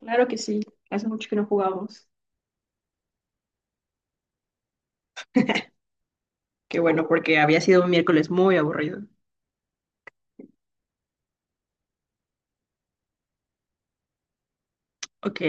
Claro que sí, hace mucho que no jugamos. Qué bueno, porque había sido un miércoles muy aburrido. Ok,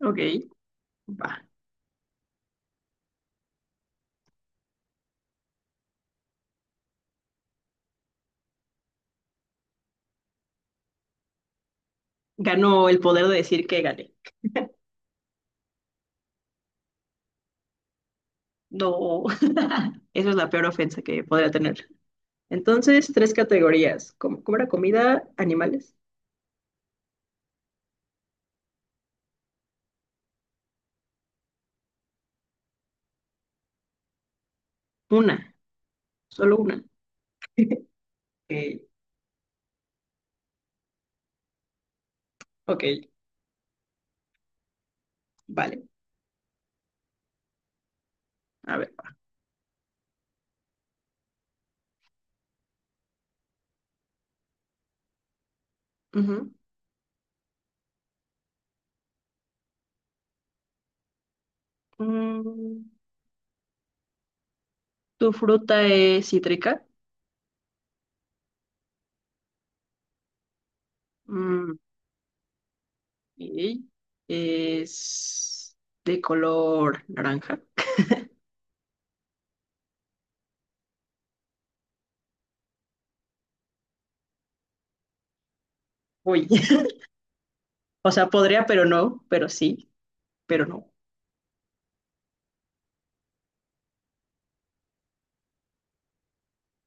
ok, va. Ganó el poder de decir que gané. No, eso es la peor ofensa que podría tener. Entonces, tres categorías. ¿Cómo era comida, animales? Una, solo una. Ok, ok, vale. A ver. Ujú. Mm, ¿Tu fruta es cítrica? Mm, ok. ¿Es de color naranja? Uy, o sea, podría, pero no, pero sí, pero no.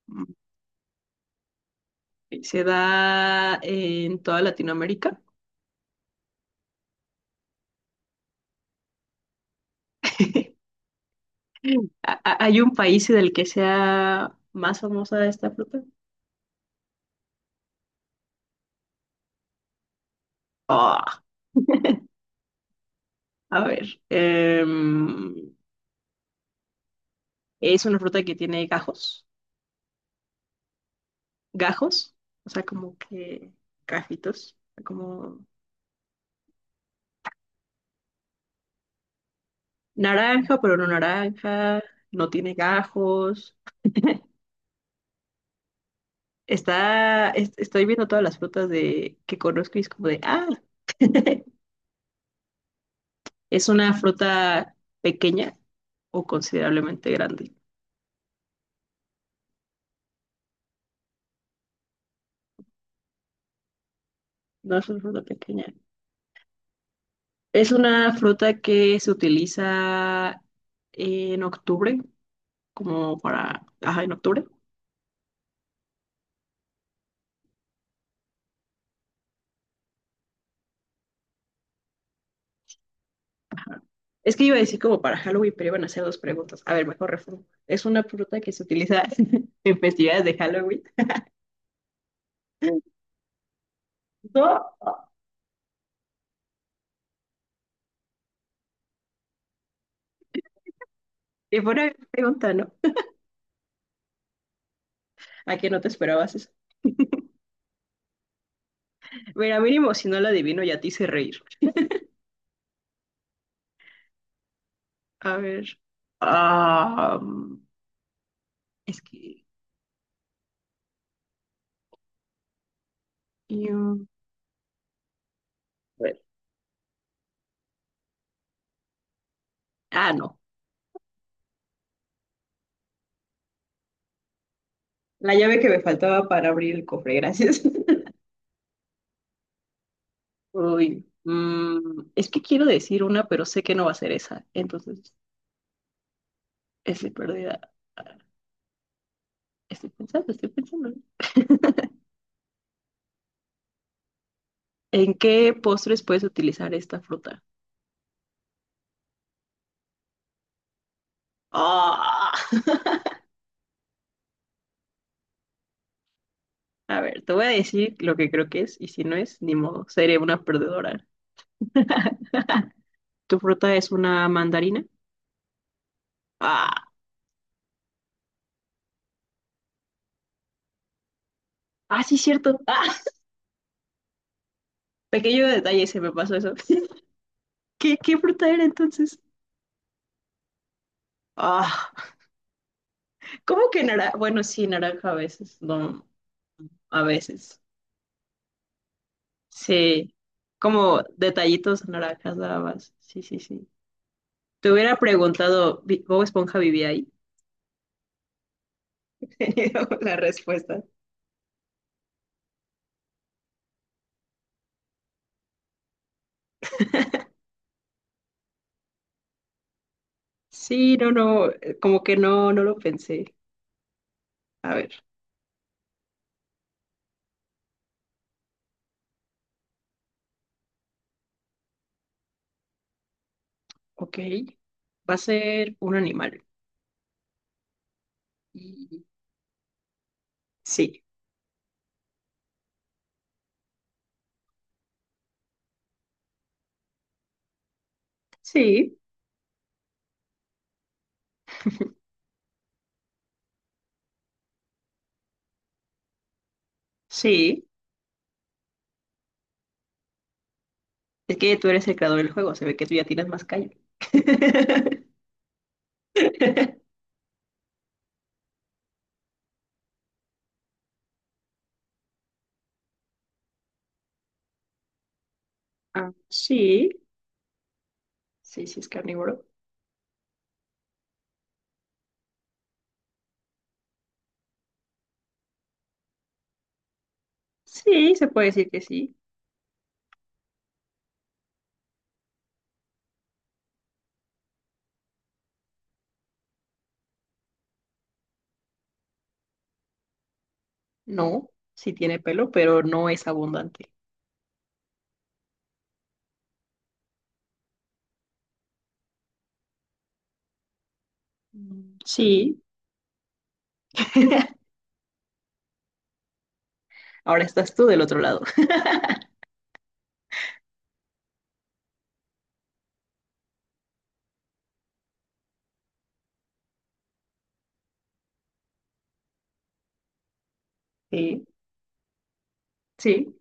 Mm. Se da en toda Latinoamérica. Hay un país del que sea más famosa esta fruta? Ah, a ver, es una fruta que tiene gajos, gajos, o sea, como que gajitos, como naranja, pero no naranja, no tiene gajos. Estoy viendo todas las frutas de, que conozco y es como de, es una fruta pequeña o considerablemente grande. No es una fruta pequeña. Es una fruta que se utiliza en octubre, como para, ajá, en octubre. Es que iba a decir como para Halloween, pero iban a hacer dos preguntas. A ver, mejor reformulo. ¿Es una fruta que se utiliza en festividades de Halloween? No, y buena pregunta, ¿no? ¿A qué no te esperabas eso? Mira, mínimo si no la adivino ya te hice reír. A ver. Ah, es que. mm, a ver. Ah, no. La llave que me faltaba para abrir el cofre, gracias. Uy. Es que quiero decir una, pero sé que no va a ser esa. Entonces, estoy perdida. Ah, Estoy pensando, estoy pensando. ¿En qué postres puedes utilizar esta fruta? Ah. A ver, te voy a decir lo que creo que es, y si no es, ni modo, seré una perdedora. ¿Tu fruta es una mandarina? Ah, ah, sí, cierto. Pequeño detalle, se me pasó eso. ¿Qué fruta era entonces? Ah, ¿Cómo que naranja? Bueno, sí, naranja a veces, no, a veces. Sí, como detallitos naranjas nada más. Sí, sí, sí. Te hubiera preguntado, ¿Bob Esponja vivía ahí? Tenido la respuesta. Sí, no, no, como que no, no lo pensé. A ver, ok. Va a ser un animal. Y- Sí, sí, sí. Es que tú eres el creador del juego, se ve que tú ya tienes más callo. Sí, sí, sí es carnívoro. Sí, se puede decir que sí. No, sí tiene pelo, pero no es abundante. Sí. Ahora estás tú del otro lado. Sí, sí.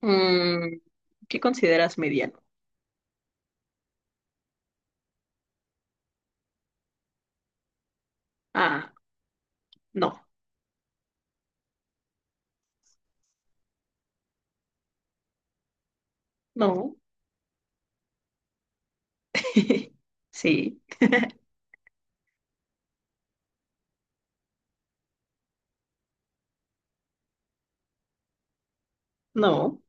Mm, ¿qué consideras mediano? Ah, no, no. Sí, no.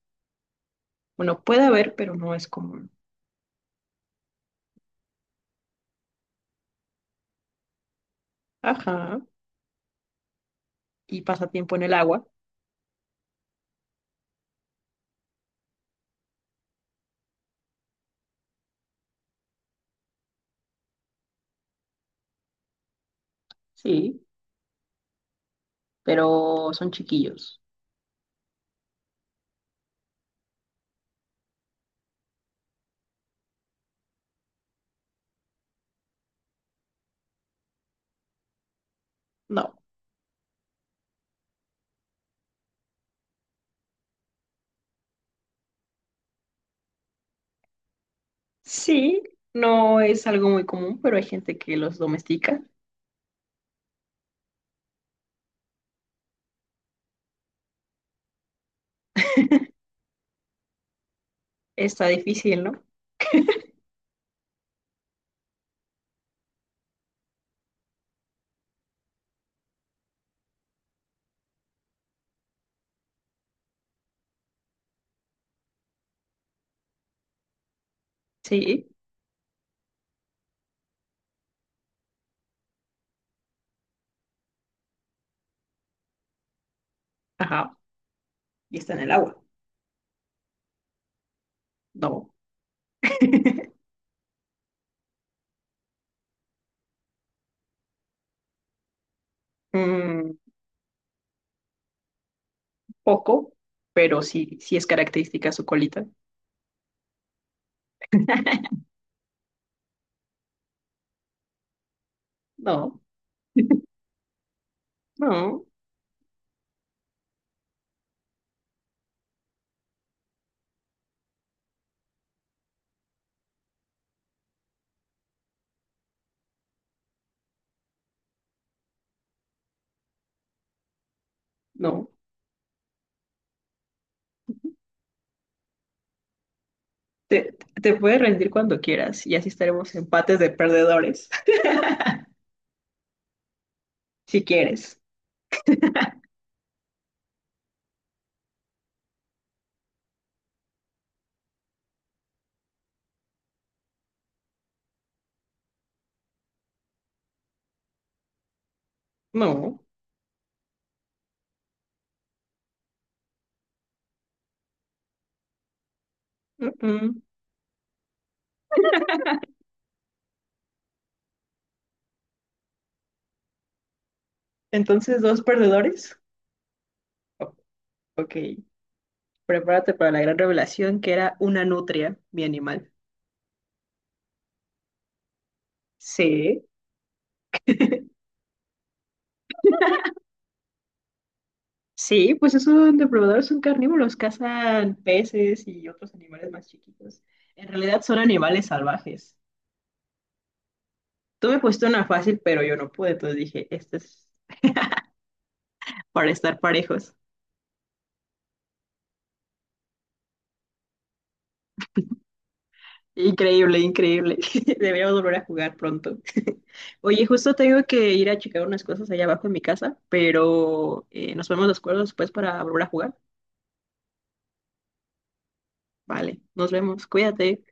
Bueno, puede haber, pero no es común. Ajá. ¿Y pasa tiempo en el agua? Sí, pero son chiquillos. No. Sí, no es algo muy común, pero hay gente que los domestica. Está difícil, ¿no? Sí, ajá. Y está en el agua. No. Mm, poco, pero sí, sí es característica su colita. No, no, no. Te, te puedes rendir cuando quieras y así estaremos empates de perdedores, si quieres. No. mm, mm. Entonces, dos perdedores. O- ok. Prepárate para la gran revelación que era una nutria, mi animal. Sí. Sí, pues esos depredadores son carnívoros, cazan peces y otros animales más chiquitos. En realidad son animales salvajes. Tú me pusiste una fácil, pero yo no pude, entonces dije, este es para estar parejos. Increíble, increíble. Deberíamos volver a jugar pronto. Oye, justo tengo que ir a checar unas cosas allá abajo en mi casa, pero nos vemos de acuerdo después para volver a jugar. Vale, nos vemos, cuídate.